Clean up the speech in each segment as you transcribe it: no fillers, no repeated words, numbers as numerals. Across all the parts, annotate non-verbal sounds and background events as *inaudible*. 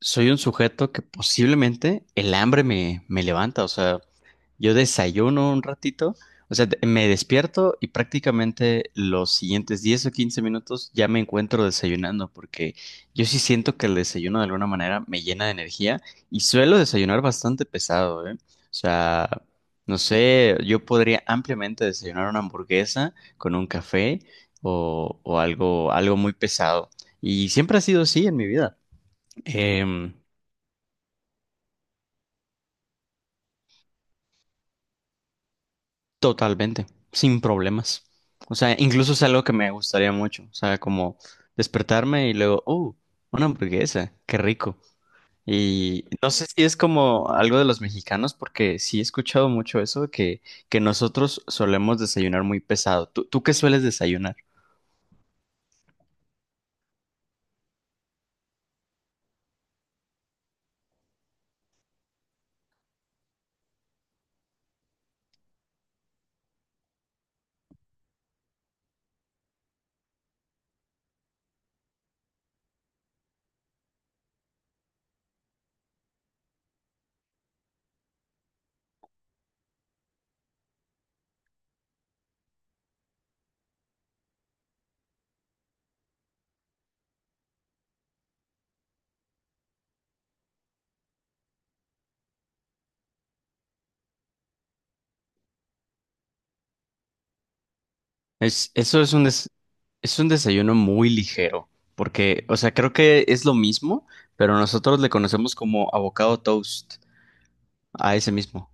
Soy un sujeto que posiblemente el hambre me levanta. O sea, yo desayuno un ratito. O sea, me despierto y prácticamente los siguientes 10 o 15 minutos ya me encuentro desayunando, porque yo sí siento que el desayuno de alguna manera me llena de energía y suelo desayunar bastante pesado, ¿eh? O sea, no sé, yo podría ampliamente desayunar una hamburguesa con un café o, o algo muy pesado. Y siempre ha sido así en mi vida. Em, Totalmente, sin problemas. O sea, incluso es algo que me gustaría mucho. O sea, como despertarme y luego, oh, una hamburguesa, qué rico. Y no sé si es como algo de los mexicanos, porque sí he escuchado mucho eso, que nosotros solemos desayunar muy pesado. ¿Tú qué sueles desayunar? Es, eso es un, des- es un desayuno muy ligero, porque, o sea, creo que es lo mismo, pero nosotros le conocemos como avocado toast a ese mismo.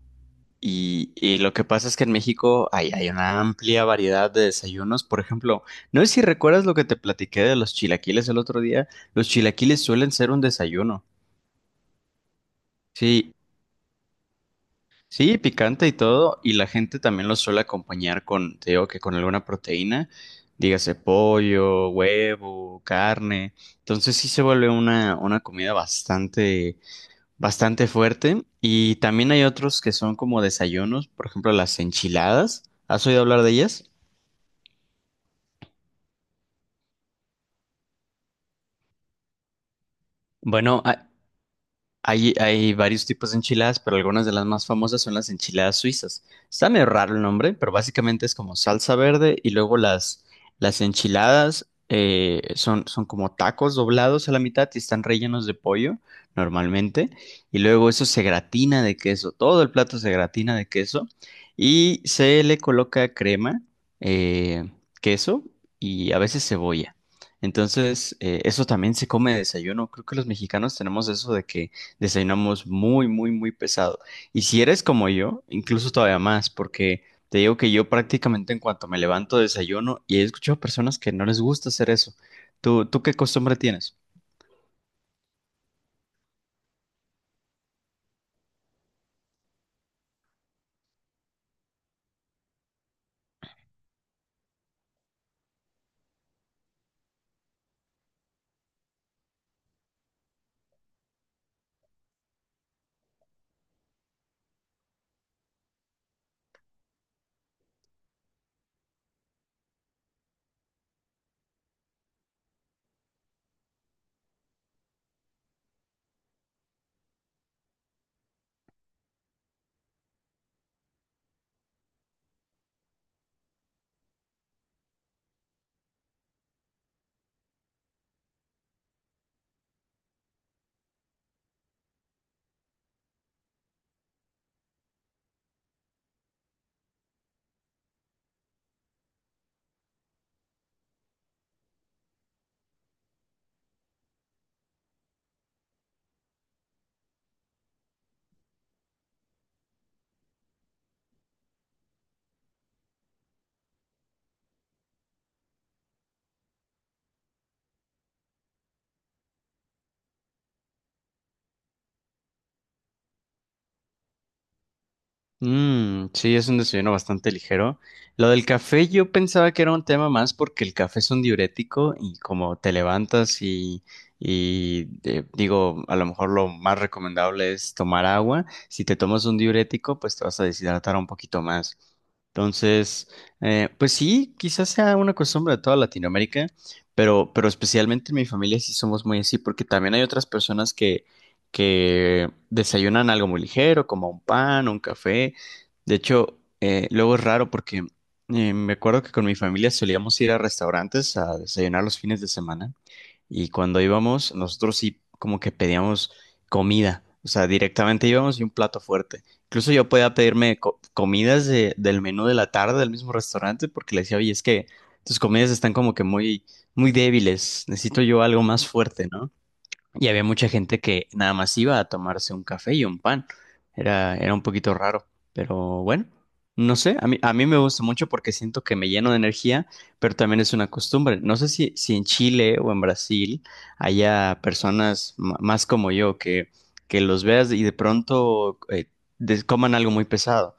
Y lo que pasa es que en México hay una amplia variedad de desayunos. Por ejemplo, no sé si recuerdas lo que te platiqué de los chilaquiles el otro día. Los chilaquiles suelen ser un desayuno. Sí, sí, picante y todo. Y la gente también los suele acompañar con, te digo que con alguna proteína, dígase pollo, huevo, carne. Entonces sí se vuelve una comida bastante fuerte. Y también hay otros que son como desayunos, por ejemplo, las enchiladas. ¿Has oído hablar de ellas? Bueno, hay varios tipos de enchiladas, pero algunas de las más famosas son las enchiladas suizas. Está medio raro el nombre, pero básicamente es como salsa verde y luego las enchiladas son como tacos doblados a la mitad y están rellenos de pollo normalmente. Y luego eso se gratina de queso, todo el plato se gratina de queso y se le coloca crema, eh, queso y a veces cebolla. Entonces, eso también se come de desayuno. Creo que los mexicanos tenemos eso de que desayunamos muy, muy, muy pesado. Y si eres como yo, incluso todavía más, porque te digo que yo prácticamente en cuanto me levanto desayuno y he escuchado personas que no les gusta hacer eso. ¿Tú qué costumbre tienes? Mm, sí, es un desayuno bastante ligero. Lo del café yo pensaba que era un tema más porque el café es un diurético y como te levantas y digo, a lo mejor lo más recomendable es tomar agua. Si te tomas un diurético, pues te vas a deshidratar un poquito más. Entonces, pues sí, quizás sea una costumbre de toda Latinoamérica, pero especialmente en mi familia sí somos muy así porque también hay otras personas que desayunan algo muy ligero, como un pan, un café. De hecho, luego es raro porque me acuerdo que con mi familia solíamos ir a restaurantes a desayunar los fines de semana y cuando íbamos, nosotros sí como que pedíamos comida. O sea, directamente íbamos y un plato fuerte. Incluso yo podía pedirme comidas del menú de la tarde del mismo restaurante porque le decía, oye, es que tus comidas están como que muy, muy débiles, necesito yo algo más fuerte, ¿no? Y había mucha gente que nada más iba a tomarse un café y un pan. Era un poquito raro, pero bueno, no sé, a mí me gusta mucho porque siento que me lleno de energía, pero también es una costumbre. No sé si, si en Chile o en Brasil haya personas más como yo, que los veas y de pronto coman algo muy pesado.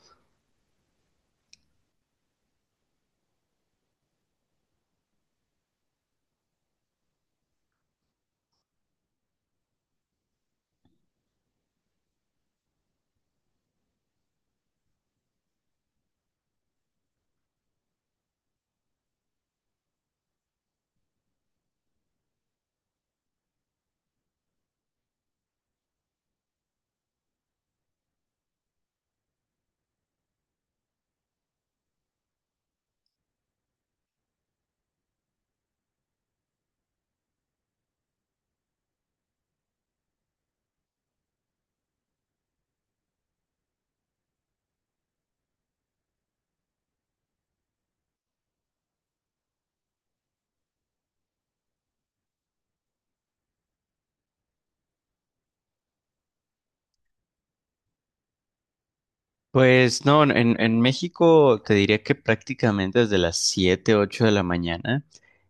Pues no, en México te diría que prácticamente desde las 7 u 8 de la mañana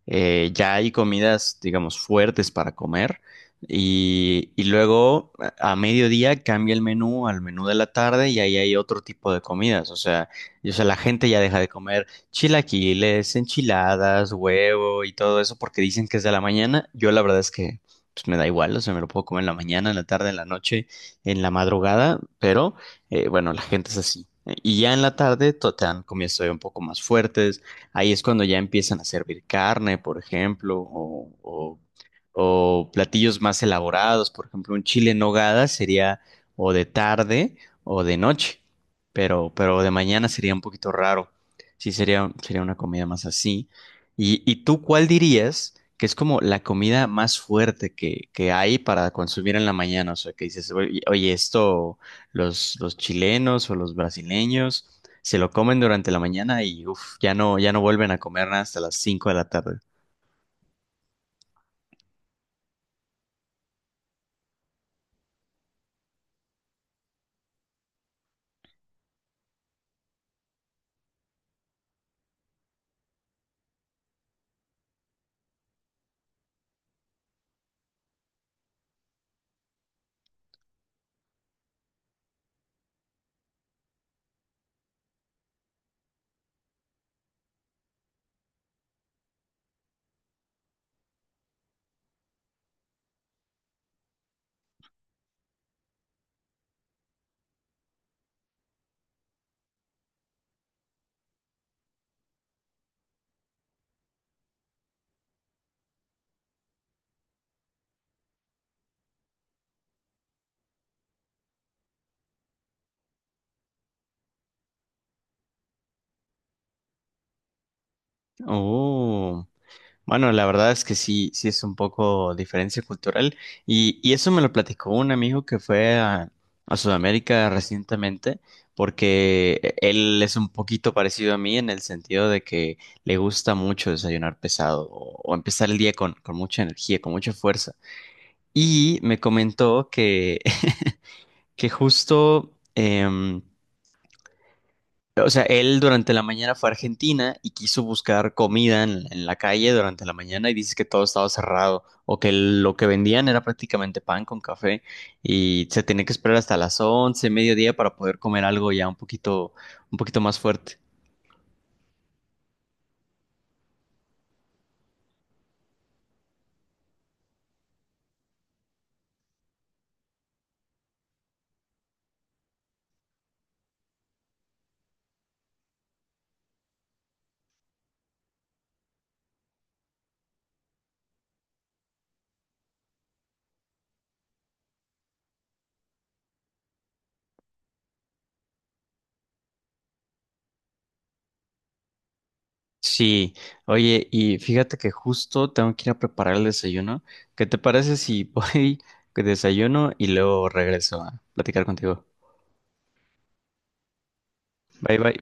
ya hay comidas, digamos, fuertes para comer y luego a mediodía cambia el menú al menú de la tarde y ahí hay otro tipo de comidas. O sea, y, o sea, la gente ya deja de comer chilaquiles, enchiladas, huevo y todo eso porque dicen que es de la mañana. Yo la verdad es que pues, me da igual. O sea, me lo puedo comer en la mañana, en la tarde, en la noche, en la madrugada, pero... bueno, la gente es así. Y ya en la tarde te dan comidas todavía un poco más fuertes. Ahí es cuando ya empiezan a servir carne, por ejemplo, o platillos más elaborados. Por ejemplo, un chile en nogada sería o de tarde o de noche, pero de mañana sería un poquito raro. Sí, sería una comida más así. Y tú cuál dirías que es como la comida más fuerte que hay para consumir en la mañana? O sea, que dices, oye, oye, esto. Los chilenos o los brasileños se lo comen durante la mañana y uf, ya no, ya no vuelven a comer nada hasta las 5 de la tarde. Oh, bueno, la verdad es que sí, sí es un poco diferencia cultural. Y eso me lo platicó un amigo que fue a Sudamérica recientemente, porque él es un poquito parecido a mí en el sentido de que le gusta mucho desayunar pesado o empezar el día con mucha energía, con mucha fuerza. Y me comentó que justo, o sea, él durante la mañana fue a Argentina y quiso buscar comida en la calle durante la mañana y dice que todo estaba cerrado o que lo que vendían era prácticamente pan con café y se tenía que esperar hasta las 11, mediodía para poder comer algo ya un poquito más fuerte. Sí, oye, y fíjate que justo tengo que ir a preparar el desayuno. ¿Qué te parece si voy, *laughs* que desayuno y luego regreso a platicar contigo? Bye bye.